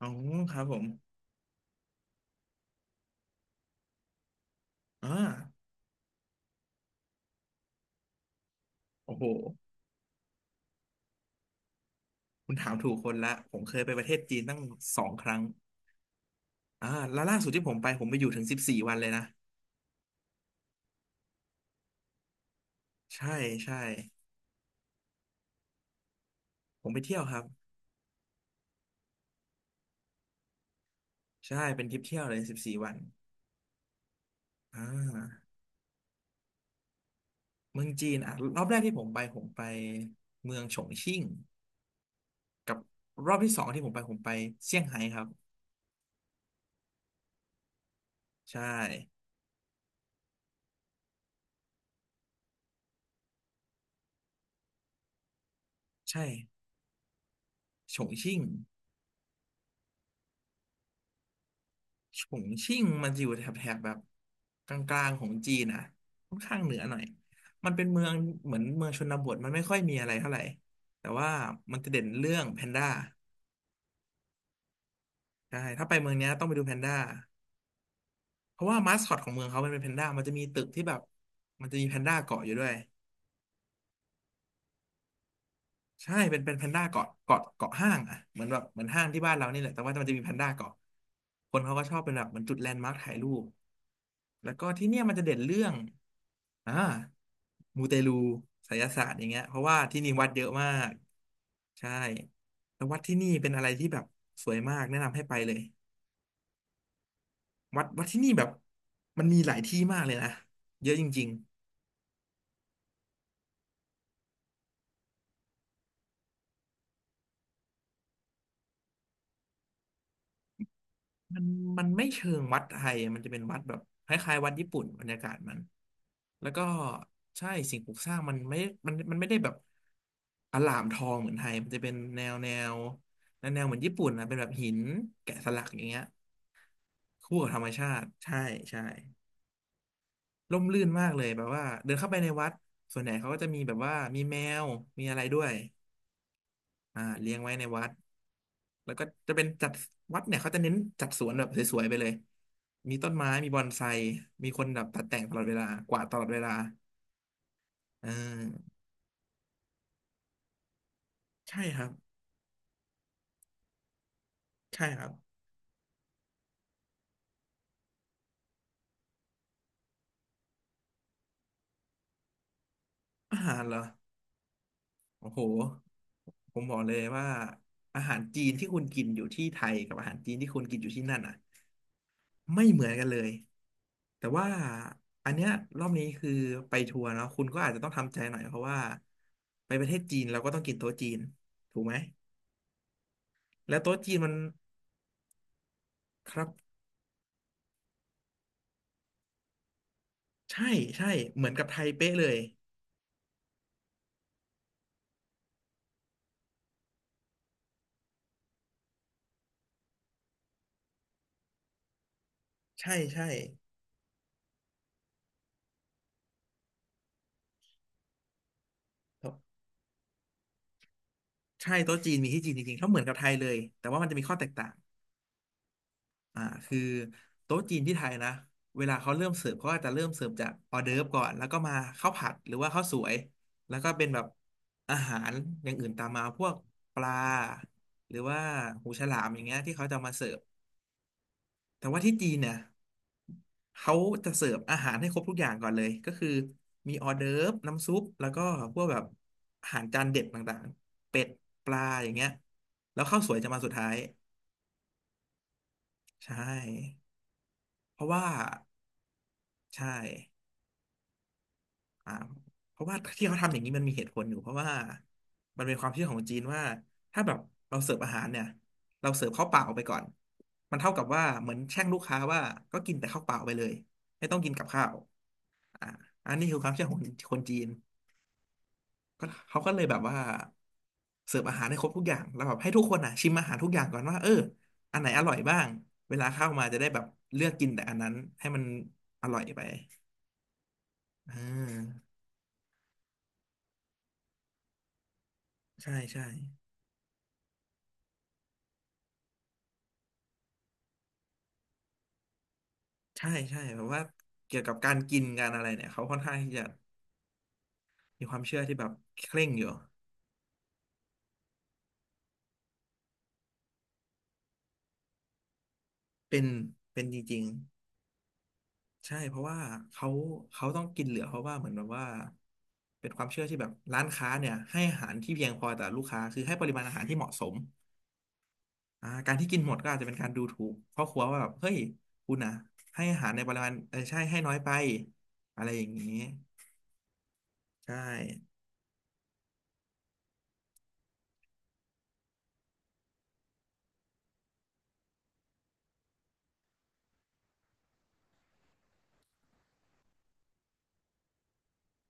อ๋อครับผมอ่าโอ้โหคุณถามถูกคนละผมเคยไปประเทศจีนตั้ง2 ครั้งแล้วล่าสุดที่ผมไปผมไปอยู่ถึงสิบสี่วันเลยนะใช่ใช่ผมไปเที่ยวครับใช่เป็นทริปเที่ยวเลยสิบสี่วันอ่าเมืองจีนอ่ะรอบแรกที่ผมไปผมไปเมืองฉงชิ่งรอบที่สองที่ผมไปผมไปเซี่ยงไฮ้ครับใช่ใช่ฉงชิ่ง ฉงชิ่งมันจะอยู่แถบแบบกลางๆของจีนนะค่อนข้างเหนือหน่อยมันเป็นเมืองเหมือนเมืองชนบทมันไม่ค่อยมีอะไรเท่าไหร่แต่ว่ามันจะเด่นเรื่องแพนด้าใช่ถ้าไปเมืองเนี้ยต้องไปดูแพนด้าเพราะว่ามาสคอตของเมืองเขามันเป็นแพนด้ามันจะมีตึกที่แบบมันจะมีแพนด้าเกาะอยู่ด้วยใช่เป็นแพนด้าเกาะเกาะห้างอ่ะเหมือนแบบเหมือนห้างที่บ้านเรานี่แหละแต่ว่ามันจะมีแพนด้าเกาะคนเขาก็ชอบเป็นแบบเหมือนจุดแลนด์มาร์คถ่ายรูปแล้วก็ที่เนี่ยมันจะเด่นเรื่อง อ่ามูเตลูไสยศาสตร์อย่างเงี้ยเพราะว่าที่นี่วัดเยอะมากใช่แล้ววัดที่นี่เป็นอะไรที่แบบสวยมากแนะนำให้ไปเลยวัดที่นี่แบบมันมีหลายที่มากเลยนะเยอะจริงๆมันไม่เชิงวัดไทยอะมันจะเป็นวัดแบบคล้ายๆวัดญี่ปุ่นบรรยากาศมันแล้วก็ใช่สิ่งปลูกสร้างมันไม่ได้แบบอลามทองเหมือนไทยมันจะเป็นแนวแนวเหมือนญี่ปุ่นนะเป็นแบบหินแกะสลักอย่างเงี้ย คู่กับธรรมชาติใช่ใช่ร่มรื่นมากเลยแบบว่าเดินเข้าไปในวัดส่วนใหญ่เขาก็จะมีแบบว่ามีแมวมีอะไรด้วยเลี้ยงไว้ในวัดแล้วก็จะเป็นจัดวัดเนี่ยเขาจะเน้นจัดสวนแบบสวยๆไปเลยมีต้นไม้มีบอนไซมีคนแบบตัดแต่งตลอดเวลากวาดตลอดเวลาเออใช่ครับใช่ครับอาหารเหรอโอ้โหผมบอกเลยว่าอาหารจีนที่คุณกินอยู่ที่ไทยกับอาหารจีนที่คุณกินอยู่ที่นั่นอ่ะ ไม่เหมือนกันเลยแต่ว่าอันเนี้ยรอบนี้คือไปทัวร์เนาะคุณก็อาจจะต้องทำใจหน่อยเพราะว่าไปประเทศจีนเราก็ต้องกินโต๊ะจีนถูกไหมแล้วโต๊ะจีนมันครับใช่ใช่เหมือนกับไทยเป๊ะเลยใช่ใช่โต๊ะใช่โต๊ะจีนมีที่จีนจริงๆเขาเหมือนกับไทยเลยแต่ว่ามันจะมีข้อแตกต่าง อ่าคือโต๊ะจีนที่ไทยนะเวลาเขาเริ่มเสิร์ฟเขาก็จะเริ่มเสิร์ฟจากออเดิร์ฟก่อนแล้วก็มาข้าวผัดหรือว่าข้าวสวยแล้วก็เป็นแบบอาหารอย่างอื่นตามมาพวกปลาหรือว่าหูฉลามอย่างเงี้ยที่เขาจะมาเสิร์ฟแต่ว่าที่จีนเนี่ยเขาจะเสิร์ฟอาหารให้ครบทุกอย่างก่อนเลยก็คือมีออเดิร์ฟน้ำซุปแล้วก็พวกแบบอาหารจานเด็ดต่างๆเป็ดปลาอย่างเงี้ยแล้วข้าวสวยจะมาสุดท้ายใช่เพราะว่าใช่ อ่าเพราะว่าที่เขาทำอย่างนี้มันมีเหตุผลอยู่เพราะว่ามันเป็นความเชื่อของจีนว่าถ้าแบบเราเสิร์ฟอาหารเนี่ยเราเสิร์ฟข้าวเปล่าไปก่อนมันเท่ากับว่าเหมือนแช่งลูกค้าว่าก็กินแต่ข้าวเปล่าไปเลยไม่ต้องกินกับข้าวอ่าอันนี้คือความเชื่อของคนจีนก็เขาก็เลยแบบว่าเสิร์ฟอาหารให้ครบทุกอย่างแล้วแบบให้ทุกคนอ่ะชิมอาหารทุกอย่างก่อนว่าเอออันไหนอร่อยบ้างเวลาเข้ามาจะได้แบบเลือกกินแต่อันนั้นให้มันอร่อยไปอ่าใช่ใช่ ใช่ใช่แบบว่าเกี่ยวกับการกินการอะไรเนี่ยเขาค่อนข้างที่จะมีความเชื่อที่แบบเคร่งอยู่เป็นเป็นจริงๆใช่เพราะว่าเขาเขาต้องกินเหลือเพราะว่าเหมือนแบบว่าเป็นความเชื่อที่แบบร้านค้าเนี่ยให้อาหารที่เพียงพอแต่อลูกค้าคือให้ปริมาณอาหารที่เหมาะสมการที่กินหมดก็อาจจะเป็นการดูถูกพรอครัวว่าแบบเฮ้ยคุณนะให้อาหารในปริมาณเออใช่ให้น้อยไปอะไรอย่างนี้ใช่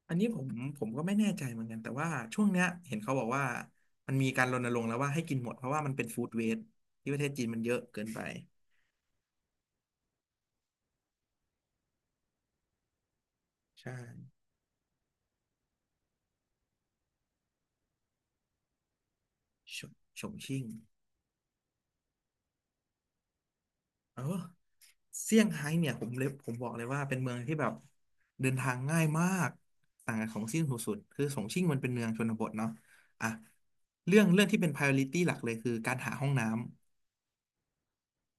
อันนี้ผมก็ไม่แน่ใจเหมือนกันแต่ว่าช่วงเนี้ยเห็นเขาบอกว่ามันมีการรณรงค์แล้วว่าให้กินหมดเพราะว่ามันเป็นฟู้ดเวสต์ที่ประเทศจีนมันเยอะเกินไปใช่ฉงฉงชิ่งเออเซี่ยงไฮ้เนี่ยผมบอกเลยว่าเป็นเมืองที่แบบเดินทางง่ายมากต่างกับของซิ่งสุดๆคือฉงชิ่งมันเป็นเมืองชนบทเนาะอ่ะเรื่องที่เป็น priority หลักเลยคือการหาห้องน้ำ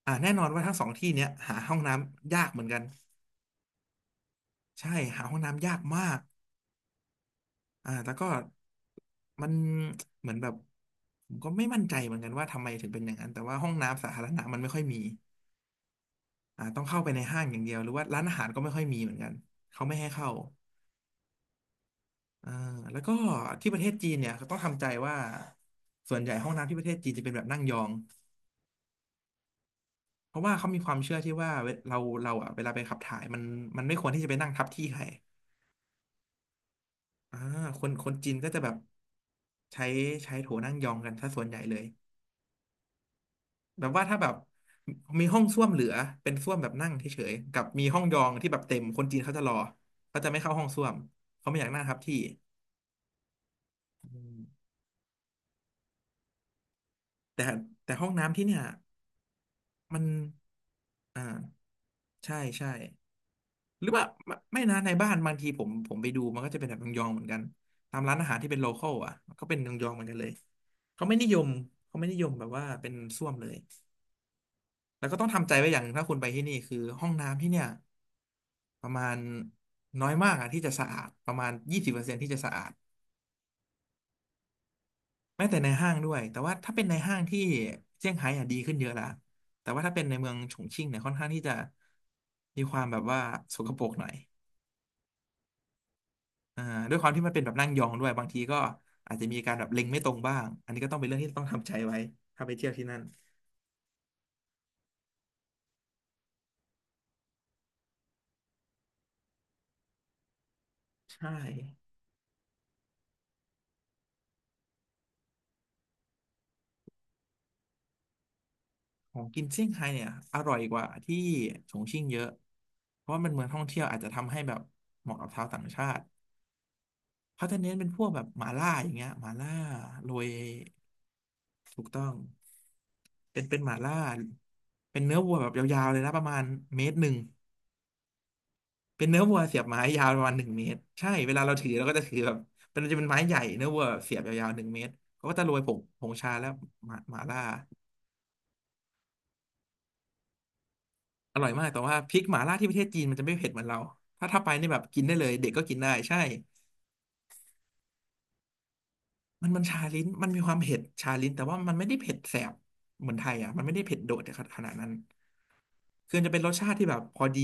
อ่ะแน่นอนว่าทั้งสองที่เนี้ยหาห้องน้ำยากเหมือนกันใช่หาห้องน้ำยากมาก แล้วก็มันเหมือนแบบผมก็ไม่มั่นใจเหมือนกันว่าทำไมถึงเป็นอย่างนั้นแต่ว่าห้องน้ำสาธารณะมันไม่ค่อยมีต้องเข้าไปในห้างอย่างเดียวหรือว่าร้านอาหารก็ไม่ค่อยมีเหมือนกันเขาไม่ให้เข้าอ่าแล้วก็ที่ประเทศจีนเนี่ยเขาต้องทำใจว่าส่วนใหญ่ห้องน้ำที่ประเทศจีนจะเป็นแบบนั่งยองเพราะว่าเขามีความเชื่อที่ว่าเวเราเราอ่ะเวลาไปขับถ่ายมันไม่ควรที่จะไปนั่งทับที่ใครอ่าคนจีนก็จะแบบใช้ใช้โถนั่งยองกันซะส่วนใหญ่เลย แบบว่าถ้าแบบมีห้องส้วมเหลือเป็นส้วมแบบนั่งเฉยๆกับมีห้องยองที่แบบเต็มคนจีนเขาจะรอเขาจะไม่เข้าห้องส้วมเขาไม่อยากนั่งทับที่อืมแต่แต่ห้องน้ำที่เนี่ยมันอ่าใช่ใช่หรือว่าไม่ไม่นะในบ้านบางทีผมไปดูมันก็จะเป็นแบบยองๆเหมือนกันตามร้านอาหารที่เป็นโลคอลอ่ะก็เป็นยองๆเหมือนกันเลยเขาไม่นิยมเขาไม่นิยมแบบว่าเป็นส้วมเลยแล้วก็ต้องทำใจไว้อย่างหนึ่งถ้าคุณไปที่นี่คือห้องน้ำที่เนี่ย ประมาณน้อยมากอะที่จะสะอาดประมาณ20%ที่จะสะอาดแม้แต่ในห้างด้วยแต่ว่าถ้าเป็นในห้างที่เซี่ยงไฮ้อะดีขึ้นเยอะละแต่ว่าถ้าเป็นในเมืองฉงชิ่งเนี่ยค่อนข้างที่จะมีความแบบว่าสกปรกหน่อยอ่าด้วยความที่มันเป็นแบบนั่งยองด้วยบางทีก็อาจจะมีการแบบเล็งไม่ตรงบ้างอันนี้ก็ต้องเป็นเรื่องที่ต้องทำใจไว้ถ้าไปเที่ยวที่นั่นใช่ของกินเซี่ยงไฮ้เนี่ยอร่อยกว่าที่ฉงชิ่งเยอะเพราะว่ามันเมืองท่องเที่ยวอาจจะทำให้แบบเหมาะกับชาวต่างชาติ เขาจะเน้นเป็นพวกแบบหม่าล่าอย่างเงี้ยหม่าล่าโรยถูกต้องเป็นหม่าล่าเป็นเนื้อวัวแบบยาวๆเลยนะประมาณเมตรหนึ่งเป็นเนื้อวัวเสียบไม้ยาวประมาณหนึ่งเมตรใช่เวลาเราถือเราก็จะถือแบบเป็นจะเป็นไม้ใหญ่เนื้อวัวเสียบยาวๆหนึ่งเมตรเขาก็จะโรยผงชาแล้วหมาล่าอร่อยมากแต่ว่าพริกหมาล่าที่ประเทศจีนมันจะไม่เผ็ดเหมือนเราถ้าไปนี่แบบกินได้เลยเด็กก็กินได้ใช่ มันชาลิ้นมันมีความเผ็ดชาลิ้นแต่ว่ามันไม่ได้เผ็ดแสบเหมือนไทยอ่ะมันไม่ได้เผ็ดโดดขนาดนั้นคือจะเป็นรสชาติที่แบบพอดี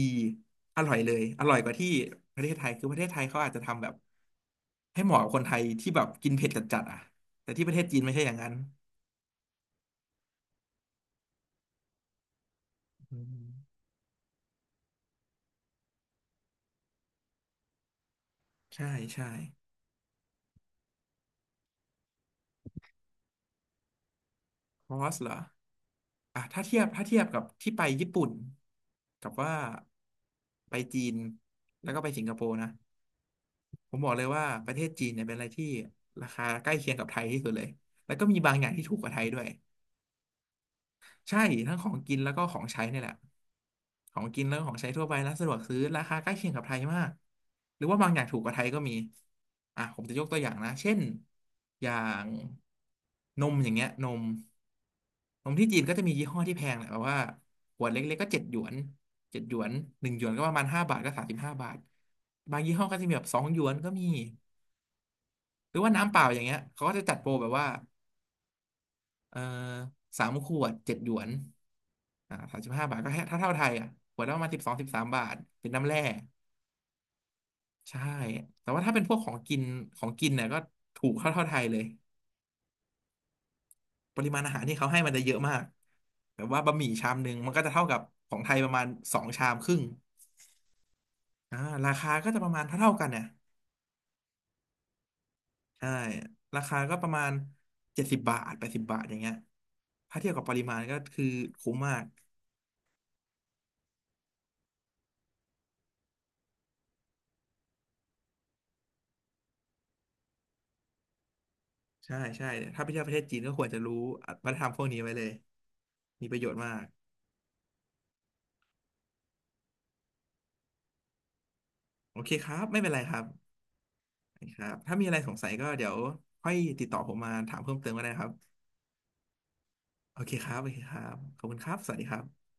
อร่อยเลยอร่อยกว่าที่ประเทศไทยคือประเทศไทยเขาอาจจะทำแบบให้เหมาะกับคนไทยที่แบบกินเผ็ดจัดๆอ่ะแต่ที่ประเทศจีนไม่ใช่อย่างนั้นอืมใช่ใช่คอสเหรออ่ะถ้าเทียบกับที่ไปญี่ปุ่นกับว่าไปจีนแล้วก็ไปสิงคโปร์นะ ผมบอกเลยว่าประเทศจีนเนี่ยเป็นอะไรที่ราคาใกล้เคียงกับไทยที่สุดเลยแล้วก็มีบางอย่างที่ถูกกว่าไทยด้วย ใช่ทั้งของกินแล้วก็ของใช้เนี่ยแหละของกินแล้วก็ของใช้ทั่วไปร้านสะดวกซื้อราคาใกล้เคียงกับไทยมาก หรือว่าบางอย่างถูกกว่าไทยก็มีอ่ะผมจะยกตัวอย่างนะ เช่นอย่างนมอย่างเงี้ยนมที่จีนก็จะมียี่ห้อที่แพงแหละแบบว่าขวดเล็กๆก็เจ็ดหยวนเจ็ดหยวน1 หยวนก็ประมาณห้าบาทก็สามสิบห้าบาทบางยี่ห้อก็จะมีแบบ2 หยวนก็มี หรือว่าน้ำเปล่าอย่างเงี้ยเขาก็จะจัดโปรแบบว่าเออ3 ขวด 7 หยวนสามสิบห้าบาทก็แค่ถ้าเท่าไทยอ่ะขวดละประมาณ12-13 บาทเป็นน้ำแร่ใช่ แต่ว่าถ้าเป็นพวกของกินของกินเนี่ยก็ถูกเท่าไทยเลย ปริมาณอาหารที่เขาให้มันจะเยอะมากแบบว่าบะหมี่ชามหนึ่งมันก็จะเท่ากับของไทยประมาณสองชามครึ่งอ่าราคาก็จะประมาณเท่ากันเนี่ยใช่ราคาก็ประมาณ70 บาท80 บาทอย่างเงี้ยถ้าเทียบกับปริมาณก็คือคุ้มมาก ใช่ใช่ถ้าไปเที่ยวประเทศจีนก็ควรจะรู้วัฒนธรรมพวกนี้ไว้เลยมีประโยชน์มากโอเคครับไม่เป็นไรครับครับถ้ามีอะไรสงสัยก็เดี๋ยวค่อยติดต่อผมมาถามเพิ่มเติมก็ได้นะครับโอเคครับโอเคครับขอบคุณครับสวัสดีครับ